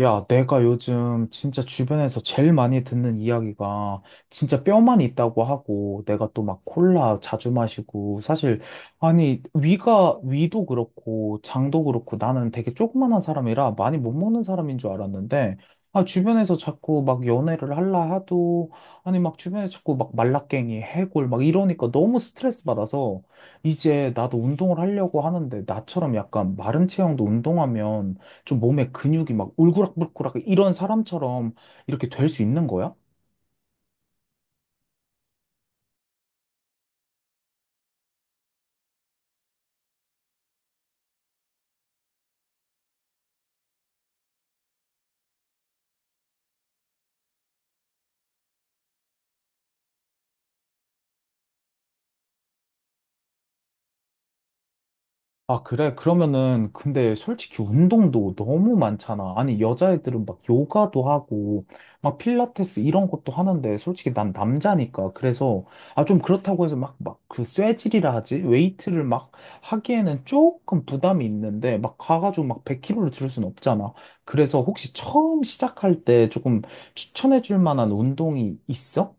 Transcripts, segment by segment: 야, 내가 요즘 진짜 주변에서 제일 많이 듣는 이야기가 진짜 뼈만 있다고 하고 내가 또 막 콜라 자주 마시고 사실 아니 위가 위도 그렇고 장도 그렇고 나는 되게 조그만한 사람이라 많이 못 먹는 사람인 줄 알았는데 아 주변에서 자꾸 막 연애를 할라 하도 아니 막 주변에 자꾸 막 말라깽이 해골 막 이러니까 너무 스트레스 받아서 이제 나도 운동을 하려고 하는데 나처럼 약간 마른 체형도 운동하면 좀 몸에 근육이 막 울그락불그락 이런 사람처럼 이렇게 될 수 있는 거야? 아, 그래? 그러면은, 근데 솔직히 운동도 너무 많잖아. 아니, 여자애들은 막 요가도 하고, 막 필라테스 이런 것도 하는데, 솔직히 난 남자니까. 그래서, 아, 좀 그렇다고 해서 막, 막 그 쇠질이라 하지? 웨이트를 막 하기에는 조금 부담이 있는데, 막 가가지고 막 100kg로 들을 순 없잖아. 그래서 혹시 처음 시작할 때 조금 추천해 줄 만한 운동이 있어?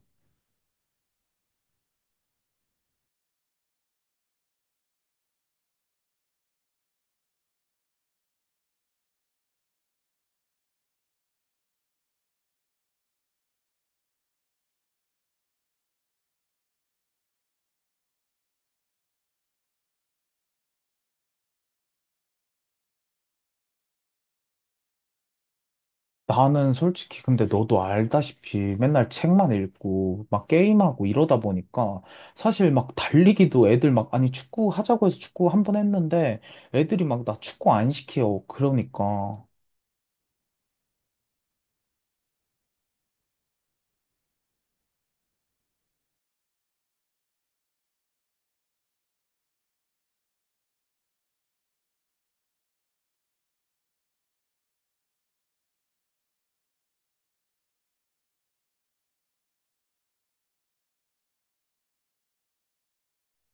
나는 솔직히 근데 너도 알다시피 맨날 책만 읽고 막 게임하고 이러다 보니까 사실 막 달리기도 애들 막 아니 축구 하자고 해서 축구 한번 했는데 애들이 막 나 축구 안 시켜. 그러니까.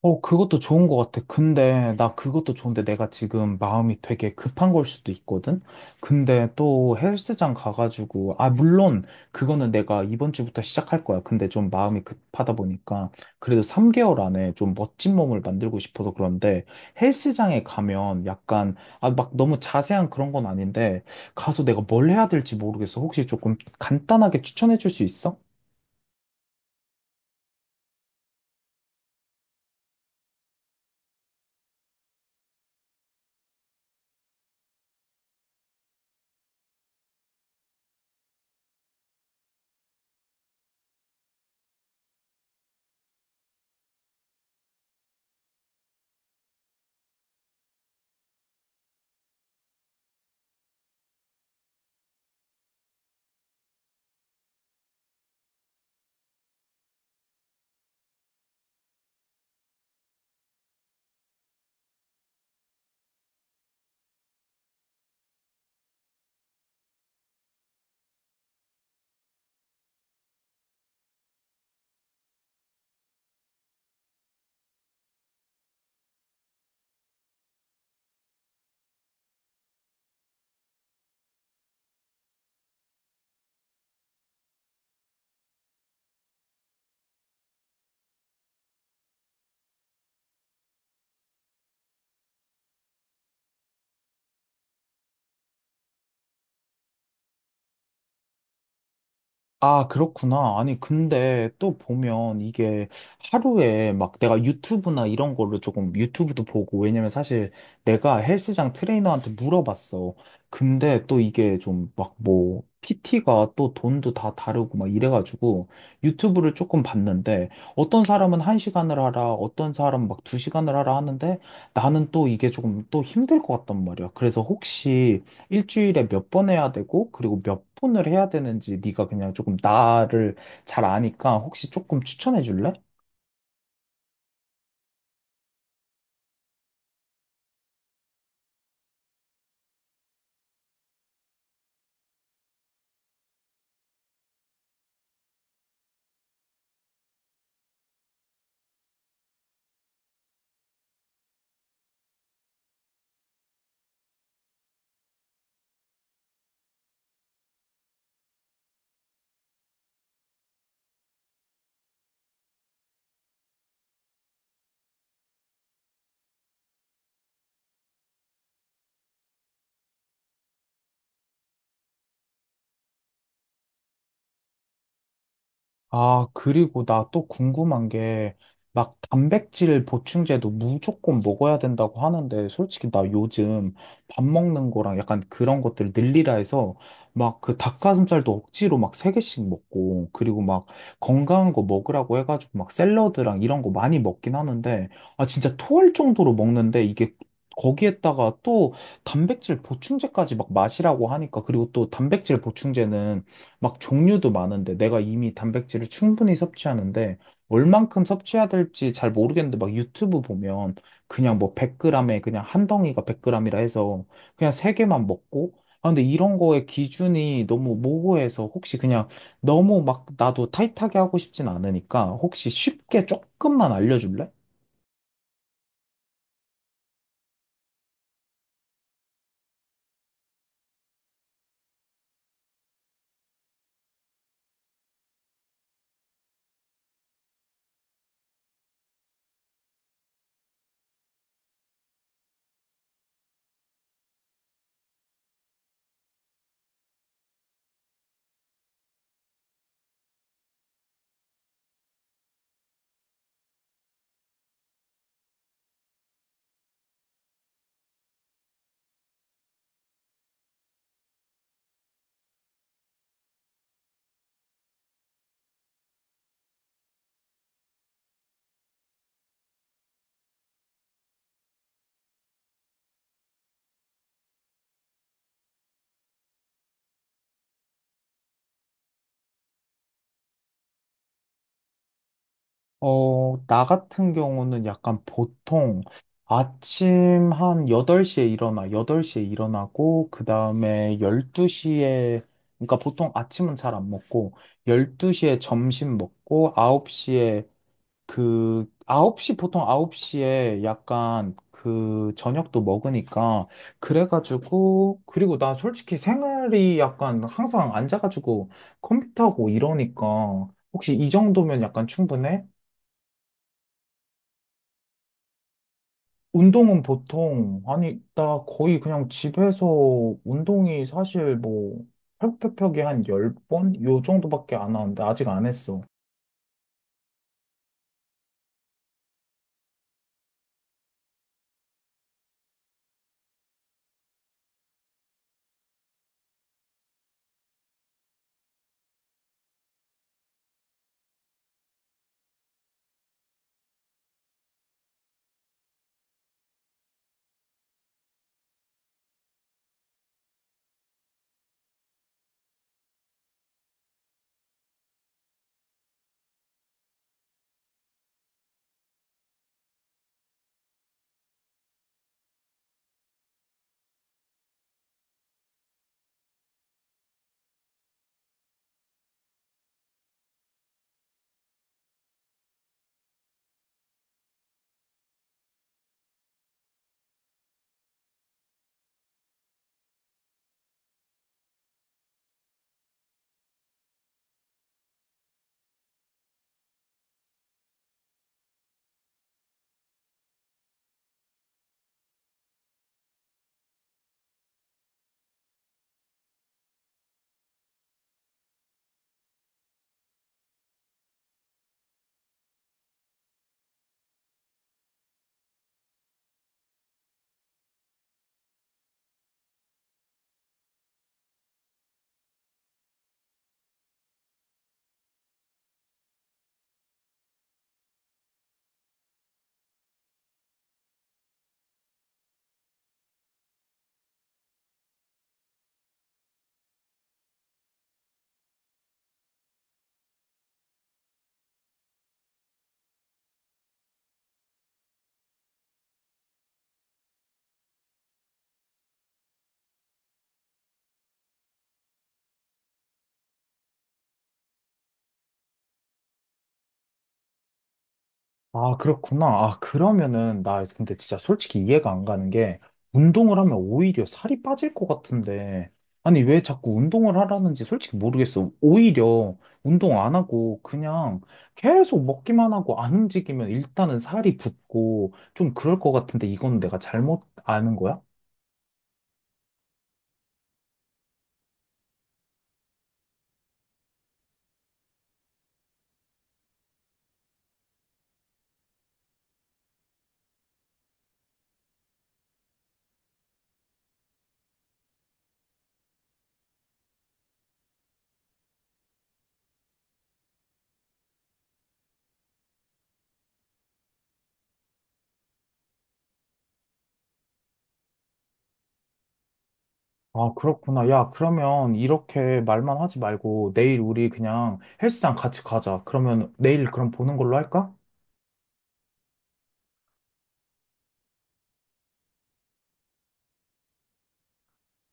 어, 그것도 좋은 것 같아. 근데, 나 그것도 좋은데 내가 지금 마음이 되게 급한 걸 수도 있거든? 근데 또 헬스장 가가지고, 아, 물론, 그거는 내가 이번 주부터 시작할 거야. 근데 좀 마음이 급하다 보니까, 그래도 3개월 안에 좀 멋진 몸을 만들고 싶어서 그런데, 헬스장에 가면 약간, 아, 막 너무 자세한 그런 건 아닌데, 가서 내가 뭘 해야 될지 모르겠어. 혹시 조금 간단하게 추천해 줄 수 있어? 아, 그렇구나. 아니, 근데 또 보면 이게 하루에 막 내가 유튜브나 이런 걸로 조금 유튜브도 보고, 왜냐면 사실 내가 헬스장 트레이너한테 물어봤어. 근데 또 이게 좀 막 뭐, PT가 또 돈도 다 다르고 막 이래가지고 유튜브를 조금 봤는데 어떤 사람은 한시간을 하라, 어떤 사람은 막 두시간을 하라 하는데 나는 또 이게 조금 또 힘들 것 같단 말이야. 그래서 혹시 일주일에 몇 번 해야 되고, 그리고 몇 분을 해야 되는지 네가 그냥 조금 나를 잘 아니까 혹시 조금 추천해 줄래? 아, 그리고 나 또 궁금한 게, 막 단백질 보충제도 무조건 먹어야 된다고 하는데, 솔직히 나 요즘 밥 먹는 거랑 약간 그런 것들 늘리라 해서, 막 그 닭가슴살도 억지로 막 세개씩 먹고, 그리고 막 건강한 거 먹으라고 해가지고 막 샐러드랑 이런 거 많이 먹긴 하는데, 아, 진짜 토할 정도로 먹는데, 이게 거기에다가 또 단백질 보충제까지 막 마시라고 하니까, 그리고 또 단백질 보충제는 막 종류도 많은데 내가 이미 단백질을 충분히 섭취하는데 얼만큼 섭취해야 될지 잘 모르겠는데 막 유튜브 보면 그냥 뭐 100g에 그냥 한 덩이가 100g이라 해서 그냥 세 개만 먹고 아 근데 이런 거에 기준이 너무 모호해서 혹시 그냥 너무 막 나도 타이트하게 하고 싶진 않으니까 혹시 쉽게 조금만 알려줄래? 어, 나 같은 경우는 약간 보통 아침 한 8시에 일어나, 8시에 일어나고, 그 다음에 12시에, 그러니까 보통 아침은 잘 안 먹고, 12시에 점심 먹고, 9시에 그, 9시, 보통 9시에 약간 그 저녁도 먹으니까, 그래가지고, 그리고 난 솔직히 생활이 약간 항상 앉아가지고 컴퓨터하고 이러니까, 혹시 이 정도면 약간 충분해? 운동은 보통, 아니, 나 거의 그냥 집에서 운동이 사실 뭐, 펴펴펴기 한 열 번 요 정도밖에 안 하는데, 아직 안 했어. 아, 그렇구나. 아, 그러면은, 나 근데 진짜 솔직히 이해가 안 가는 게, 운동을 하면 오히려 살이 빠질 것 같은데, 아니, 왜 자꾸 운동을 하라는지 솔직히 모르겠어. 오히려 운동 안 하고, 그냥 계속 먹기만 하고 안 움직이면 일단은 살이 붙고, 좀 그럴 것 같은데, 이건 내가 잘못 아는 거야? 아, 그렇구나. 야, 그러면 이렇게 말만 하지 말고 내일 우리 그냥 헬스장 같이 가자. 그러면 내일 그럼 보는 걸로 할까?